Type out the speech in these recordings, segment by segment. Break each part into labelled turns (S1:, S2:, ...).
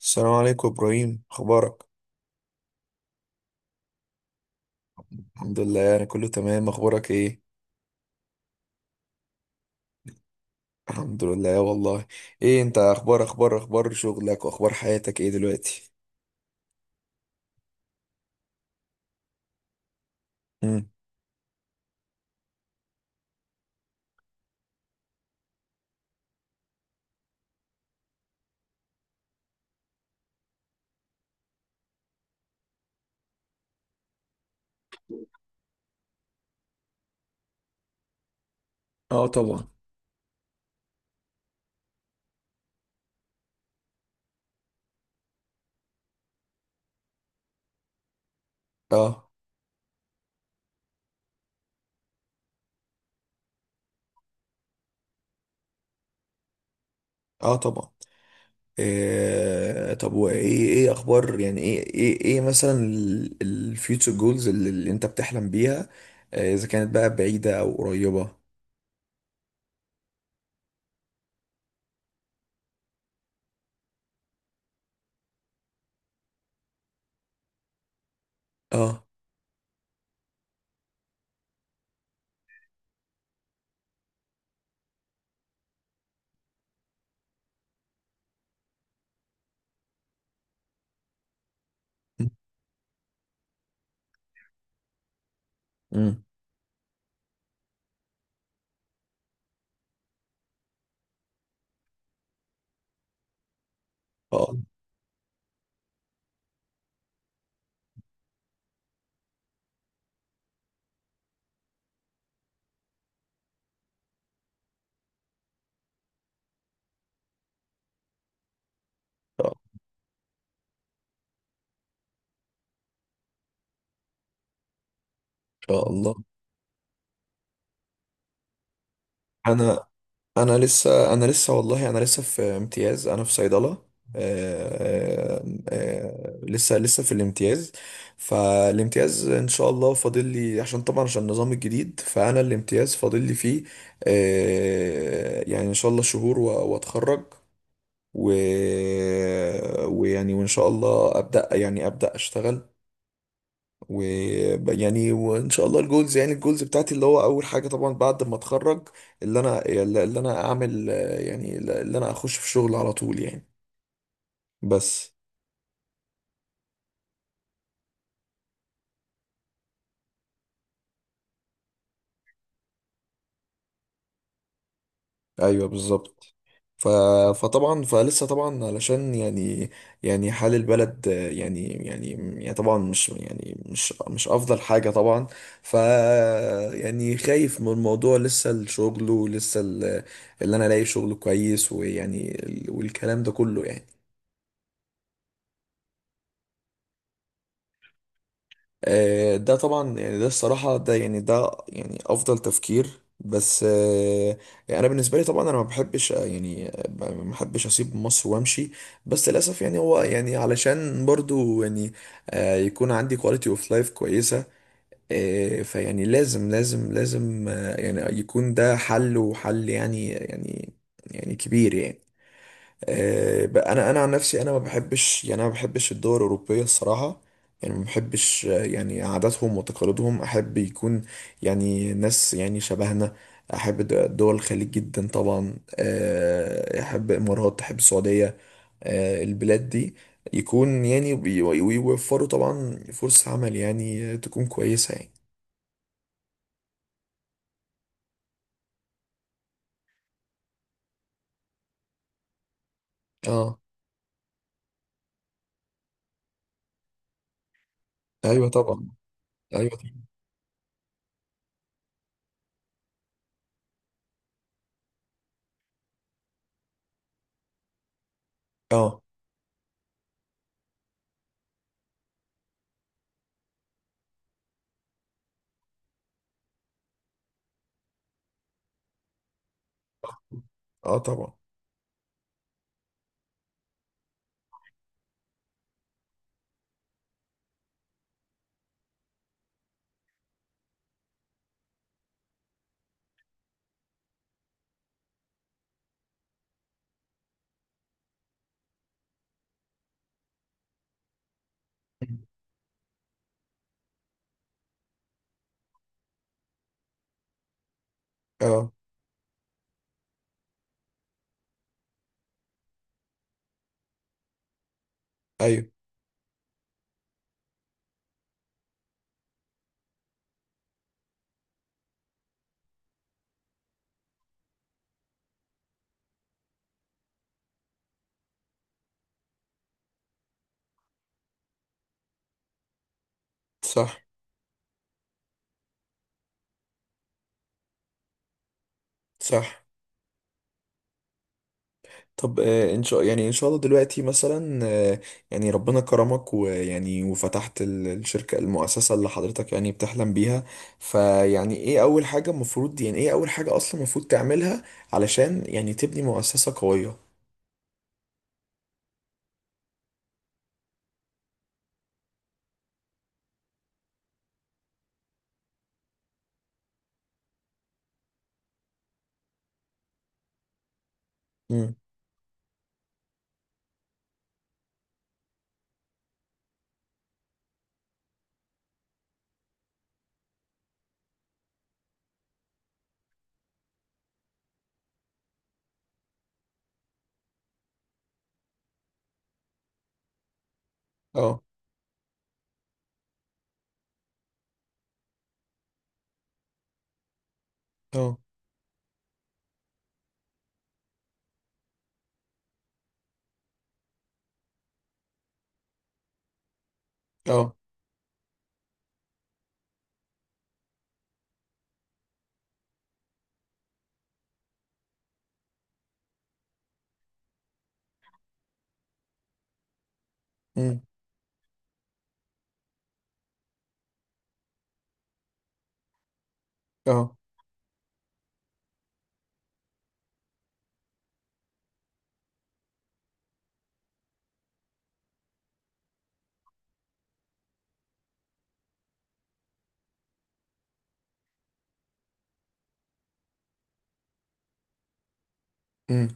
S1: السلام عليكم ابراهيم، اخبارك؟ الحمد لله، انا كله تمام. اخبارك ايه؟ الحمد لله والله. ايه انت، اخبار شغلك واخبار حياتك ايه دلوقتي؟ امم. اه، طبعا. اه. اه، طبعا. إيه؟ طب وايه، ايه اخبار، يعني ايه مثلا الفيوتشر جولز اللي انت بتحلم بيها، اذا كانت بقى بعيدة او قريبة؟ اه. امم. اه، امم. شاء الله، شاء الله انا. انا لسه والله، انا لسه في امتياز. انا في صيدله. آه، آه، لسه لسه في الامتياز. فالامتياز ان شاء الله فاضل لي، عشان طبعا عشان النظام الجديد، فانا الامتياز فاضل لي فيه. يعني ان شاء الله شهور واتخرج. و... ويعني وان شاء الله ابدا يعني ابدا اشتغل. و يعني وان شاء الله الجولز، بتاعتي اللي هو اول حاجه طبعا بعد ما اتخرج، اللي انا اعمل، يعني اللي انا اخش في شغل على طول يعني. بس. ايوه، بالظبط. ف... فطبعا، فلسه طبعا، علشان يعني، يعني حال البلد، يعني طبعا مش، يعني، مش افضل حاجه طبعا. ف يعني خايف من الموضوع، لسه الشغل ولسه اللي انا الاقي شغل كويس، ويعني والكلام ده كله يعني. ده طبعا يعني، ده الصراحة، ده يعني، ده يعني أفضل تفكير. بس، يعني أنا بالنسبة لي طبعا، أنا ما بحبش، يعني، ما بحبش أسيب مصر وأمشي. بس للأسف يعني هو، يعني علشان برضو يعني يكون عندي كواليتي أوف لايف كويسة. فيعني لازم، يعني يكون ده حل وحل يعني يعني، يعني كبير يعني. بقى انا عن نفسي، انا ما بحبش، يعني انا ما بحبش الدول الاوروبيه الصراحه. يعني ما بحبش، يعني عاداتهم وتقاليدهم. احب يكون يعني ناس يعني شبهنا. احب دول الخليج جدا طبعا. احب الامارات، احب السعوديه. البلاد دي يكون، يعني، ويوفروا طبعا فرص عمل، يعني تكون كويسه يعني. اه. ايوه، طبعا. ايوه، طبعا. اه. اه، طبعا. اه. ايوه. صح. صح. طب، ان شاء الله دلوقتي مثلا، يعني ربنا كرمك، ويعني وفتحت الشركة المؤسسة اللي حضرتك يعني بتحلم بيها. فيعني، ايه اول حاجة المفروض، يعني ايه اول حاجة اصلا المفروض تعملها علشان يعني تبني مؤسسة قوية؟ امم. اه. اه. اه. امم. اه. امم.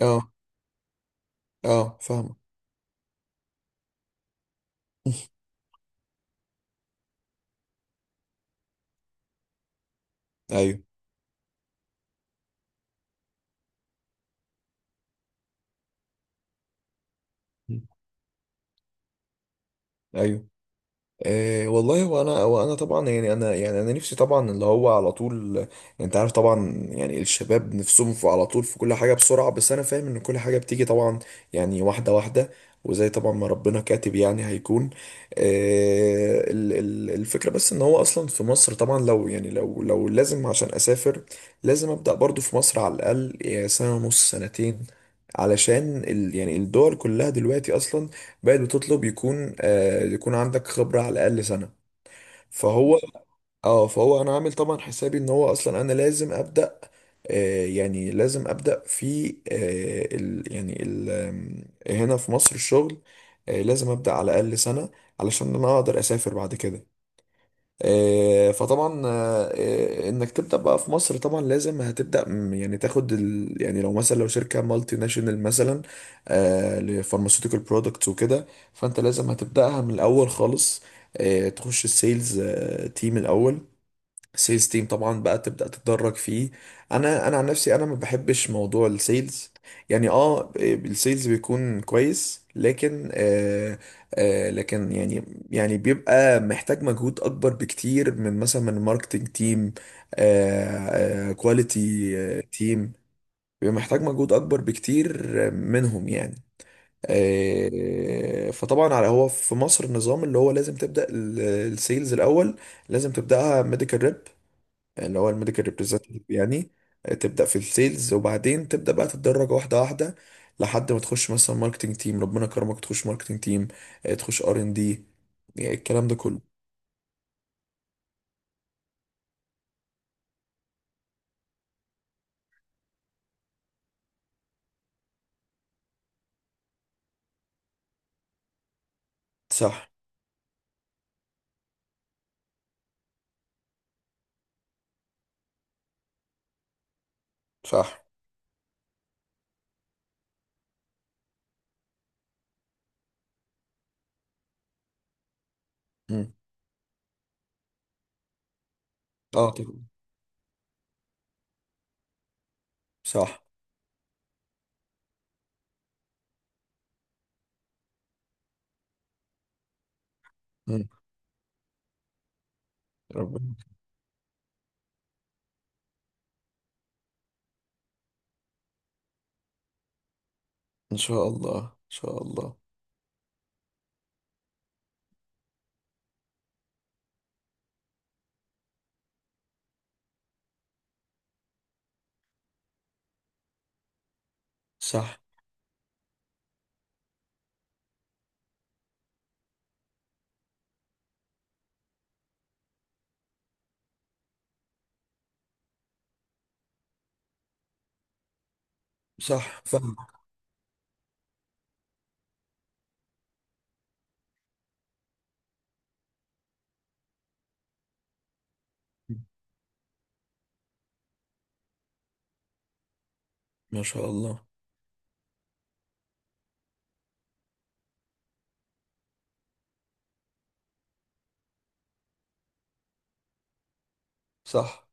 S1: اه. اه، فاهمة. ايوه. ايوه. إيه والله، وانا طبعا يعني، انا نفسي طبعا اللي هو على طول يعني. انت عارف، طبعا يعني الشباب نفسهم في على طول في كل حاجه بسرعه، بس انا فاهم ان كل حاجه بتيجي طبعا، يعني واحده واحده، وزي طبعا ما ربنا كاتب يعني هيكون. إيه الفكره، بس ان هو اصلا في مصر طبعا، لو يعني لو لو لازم عشان اسافر، لازم ابدا برضو في مصر على الاقل يعني سنه ونص، سنتين. علشان ال يعني الدول كلها دلوقتي اصلا بقت بتطلب يكون عندك خبرة على الأقل سنة. فهو بالظبط. اه، فهو انا عامل طبعا حسابي ان هو اصلا انا لازم ابدا، يعني لازم ابدا في، ال يعني ال هنا في مصر الشغل. لازم ابدا على الاقل سنه، علشان انا اقدر اسافر بعد كده. فطبعا انك تبدا بقى في مصر، طبعا لازم هتبدا يعني تاخد يعني لو شركه مالتي ناشونال مثلا لفارماسيوتيكال برودكتس وكده، فانت لازم هتبداها من الاول خالص. تخش السيلز تيم الاول، سيلز تيم طبعا بقى تبدأ تتدرج فيه. انا عن نفسي، انا ما بحبش موضوع السيلز. يعني اه، السيلز بيكون كويس لكن، لكن يعني، يعني بيبقى محتاج مجهود اكبر بكتير من، مثلا، من ماركتنج تيم، كواليتي تيم. بيبقى محتاج مجهود اكبر بكتير منهم يعني. فطبعا، على هو في مصر، النظام اللي هو لازم تبدأ السيلز الاول، لازم تبدأها ميديكال ريب اللي هو الميديكال ريبريزنتيف يعني. تبدا في السيلز وبعدين تبدا بقى تتدرج واحده واحده، لحد ما تخش مثلا ماركتنج تيم، ربنا كرمك تخش ماركتنج تيم، تخش R&D، الكلام ده كله. صح. صح. مم. اه، طبعا. صح. مم. ربنا. ان شاء الله. ان شاء الله. صح. صح، فاهم. ما شاء الله. صح.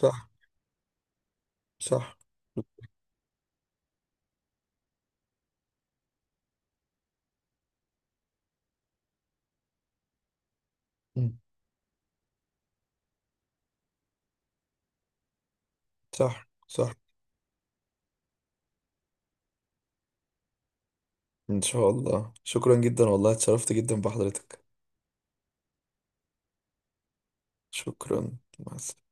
S1: صح. صح. مم. صح. صح. ان شاء الله. شكرا جدا والله، اتشرفت جدا بحضرتك. شكرا. مع السلامه.